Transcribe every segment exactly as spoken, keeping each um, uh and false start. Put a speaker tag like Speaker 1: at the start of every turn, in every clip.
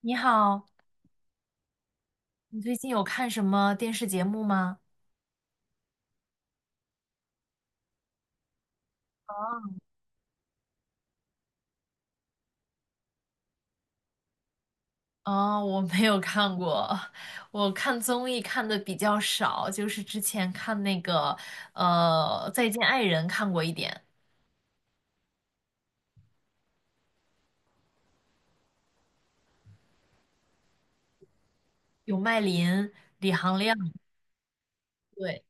Speaker 1: 你好，你最近有看什么电视节目吗？哦，我没有看过。我看综艺看的比较少，就是之前看那个呃《再见爱人》看过一点，有麦琳、李行亮。对，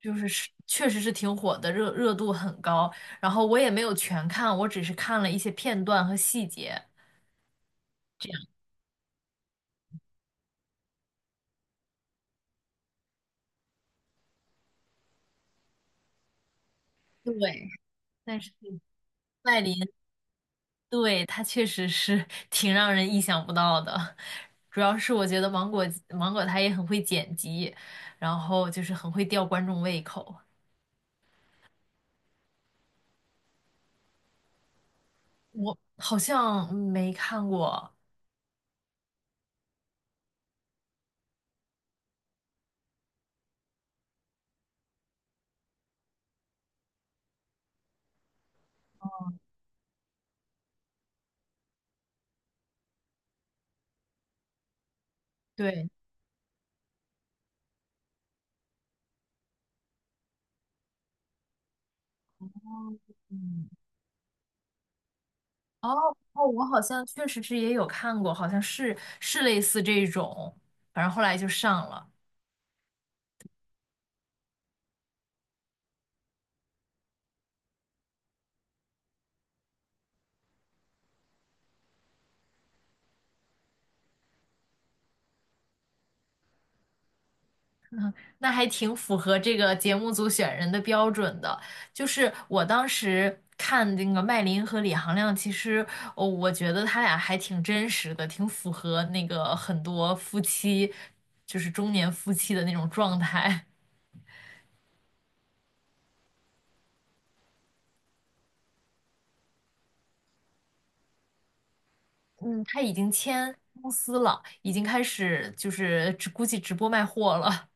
Speaker 1: 就是是确实是挺火的，热热度很高。然后我也没有全看，我只是看了一些片段和细节，这样。对。但是麦琳，对，它确实是 挺让人意想不到的。主要是我觉得芒果芒果它也很会剪辑，然后就是很会吊观众胃口。我好像没看过。对。哦，嗯，哦哦，我好像确实是也有看过，好像是是类似这种，反正后来就上了。那还挺符合这个节目组选人的标准的。就是我当时看那个麦琳和李行亮，其实，哦，我觉得他俩还挺真实的，挺符合那个很多夫妻，就是中年夫妻的那种状态。嗯，他已经签公司了，已经开始就是直估计直播卖货了。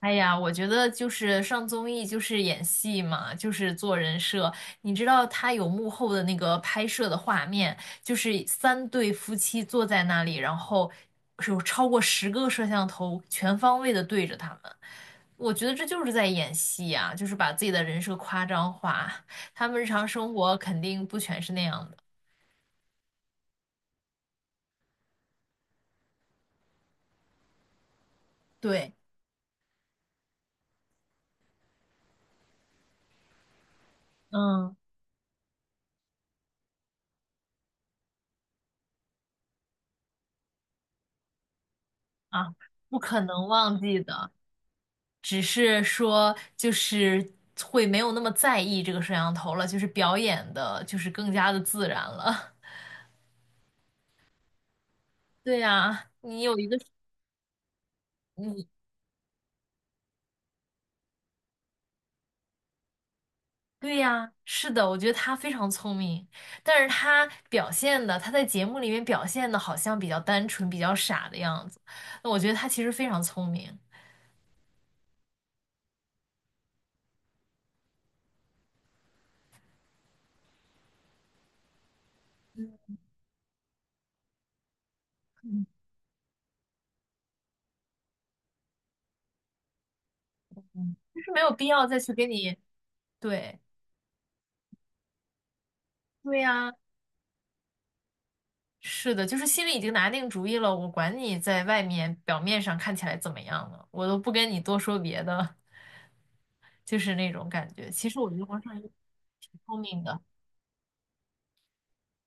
Speaker 1: 哎呀，我觉得就是上综艺就是演戏嘛，就是做人设。你知道他有幕后的那个拍摄的画面，就是三对夫妻坐在那里，然后是有超过十个摄像头全方位的对着他们。我觉得这就是在演戏呀，就是把自己的人设夸张化。他们日常生活肯定不全是那样的。对。嗯。啊，不可能忘记的。只是说就是会没有那么在意这个摄像头了，就是表演的，就是更加的自然了。对呀，你有一个你。对呀，是的，我觉得他非常聪明，但是他表现的，他在节目里面表现的好像比较单纯、比较傻的样子，那我觉得他其实非常聪明。嗯，就是没有必要再去给你。对。对呀，是的，就是心里已经拿定主意了，我管你在外面表面上看起来怎么样呢，我都不跟你多说别的，就是那种感觉。其实我觉得黄圣依挺聪明的。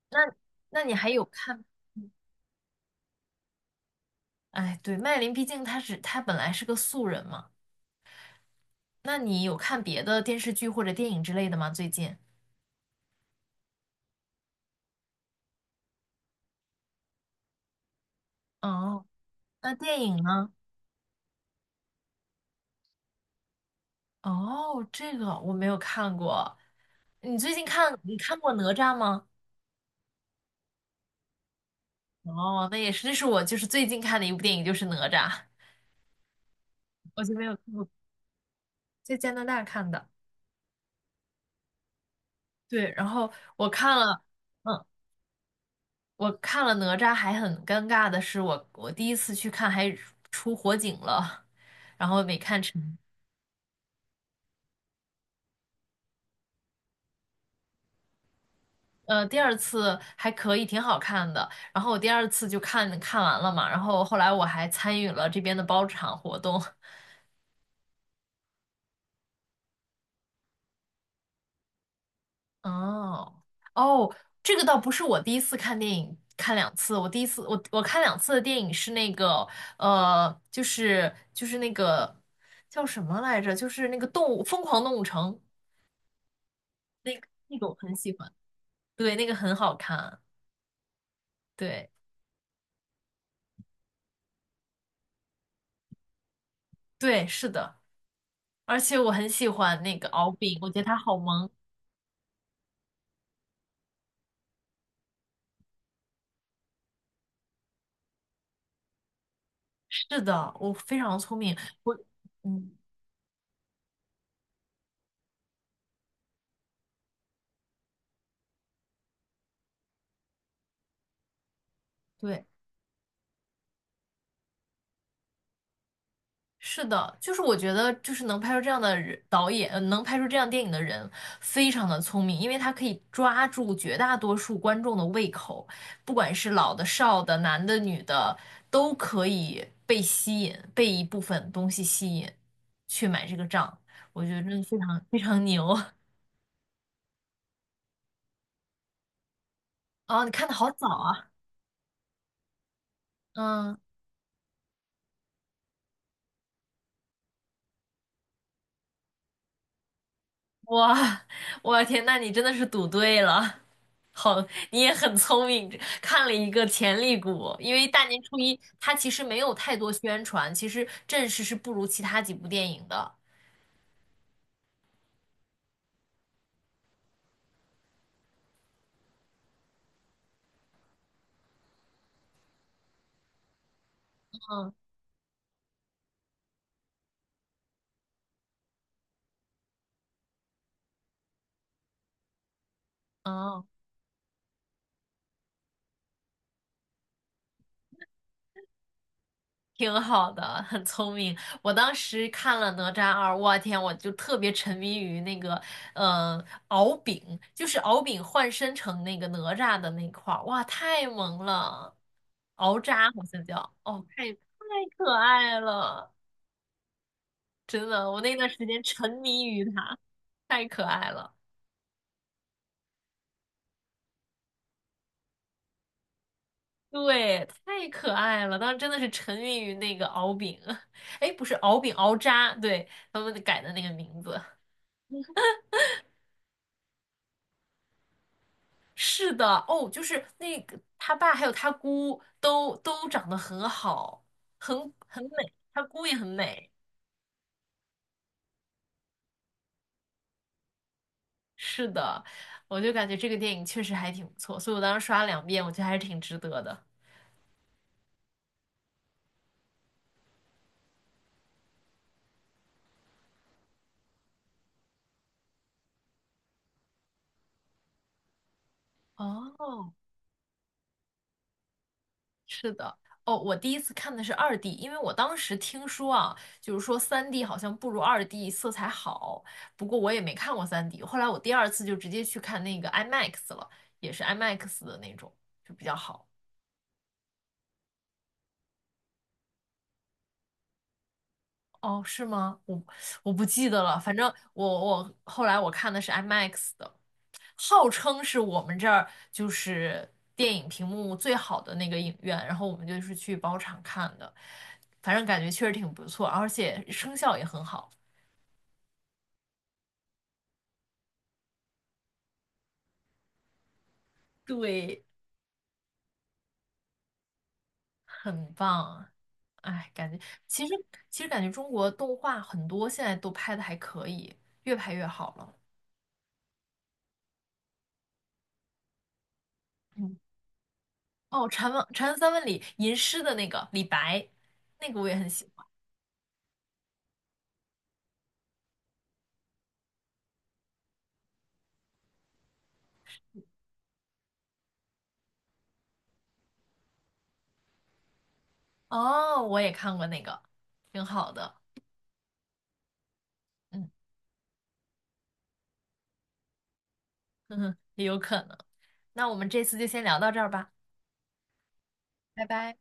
Speaker 1: 那那你还有看？哎，对，麦琳，毕竟她是她本来是个素人嘛。那你有看别的电视剧或者电影之类的吗？最近？哦，那电影呢？哦，这个我没有看过。你最近看你看过哪吒吗？哦，那也是，这是我就是最近看的一部电影，就是哪吒。我就没有看过，在加拿大看的。对，然后我看了，嗯，我看了哪吒，还很尴尬的是我，我第一次去看还出火警了。呃，第二次还可以，挺好看的。然后我第二次就看看完了嘛，然后后来我还参与了这边的包场活动。哦，哦，这个倒不是我第一次看电影，看两次。我第一次我我看两次的电影是那个呃，就是就是那个叫什么来着？就是那个动物《疯狂动物城》，那个那个我很喜欢，对，那个很好看。对，对，是的，而且我很喜欢那个敖丙，我觉得他好萌。是的，我非常聪明，我，嗯，对。是的，就是我觉得，就是能拍出这样的人导演，呃能拍出这样电影的人，非常的聪明，因为他可以抓住绝大多数观众的胃口，不管是老的、少的、男的、女的，都可以被吸引，被一部分东西吸引，去买这个账。我觉得真的非常非常牛。哦，你看的好早啊。嗯。哇，我天，那你真的是赌对了。好，你也很聪明，看了一个潜力股。因为大年初一它其实没有太多宣传，其实阵势是不如其他几部电影的。嗯。嗯，挺好的，很聪明。我当时看了《哪吒二》，我天，我就特别沉迷于那个，嗯、敖丙，就是敖丙换身成那个哪吒的那块儿，哇，太萌了，敖吒好像叫，哦，太太可爱了。真的，我那段时间沉迷于他，太可爱了。对，太可爱了，当时真的是沉迷于那个敖丙。哎，不是敖丙，敖吒，对，他们改的那个名字。是的，哦，就是那个他爸还有他姑都都长得很好，很，很美，他姑也很美。是的，我就感觉这个电影确实还挺不错，所以我当时刷了两遍，我觉得还是挺值得的。哦，是的，哦，我第一次看的是二 D,因为我当时听说啊，就是说三 D 好像不如二 D 色彩好，不过我也没看过三 D,后来我第二次就直接去看那个 IMAX 了，也是 IMAX 的那种，就比较好。哦，是吗？我我不记得了，反正我我后来我看的是 IMAX 的，号称是我们这儿就是电影屏幕最好的那个影院，然后我们就是去包场看的，反正感觉确实挺不错，而且声效也很好。对，很棒。哎，感觉其实其实感觉中国动画很多现在都拍的还可以，越拍越好了。嗯，哦，《禅问禅问三问》里吟诗的那个李白，那个我也很喜欢。哦，我也看过那个，挺好的。嗯，哼哼，也有可能。那我们这次就先聊到这儿吧，拜拜。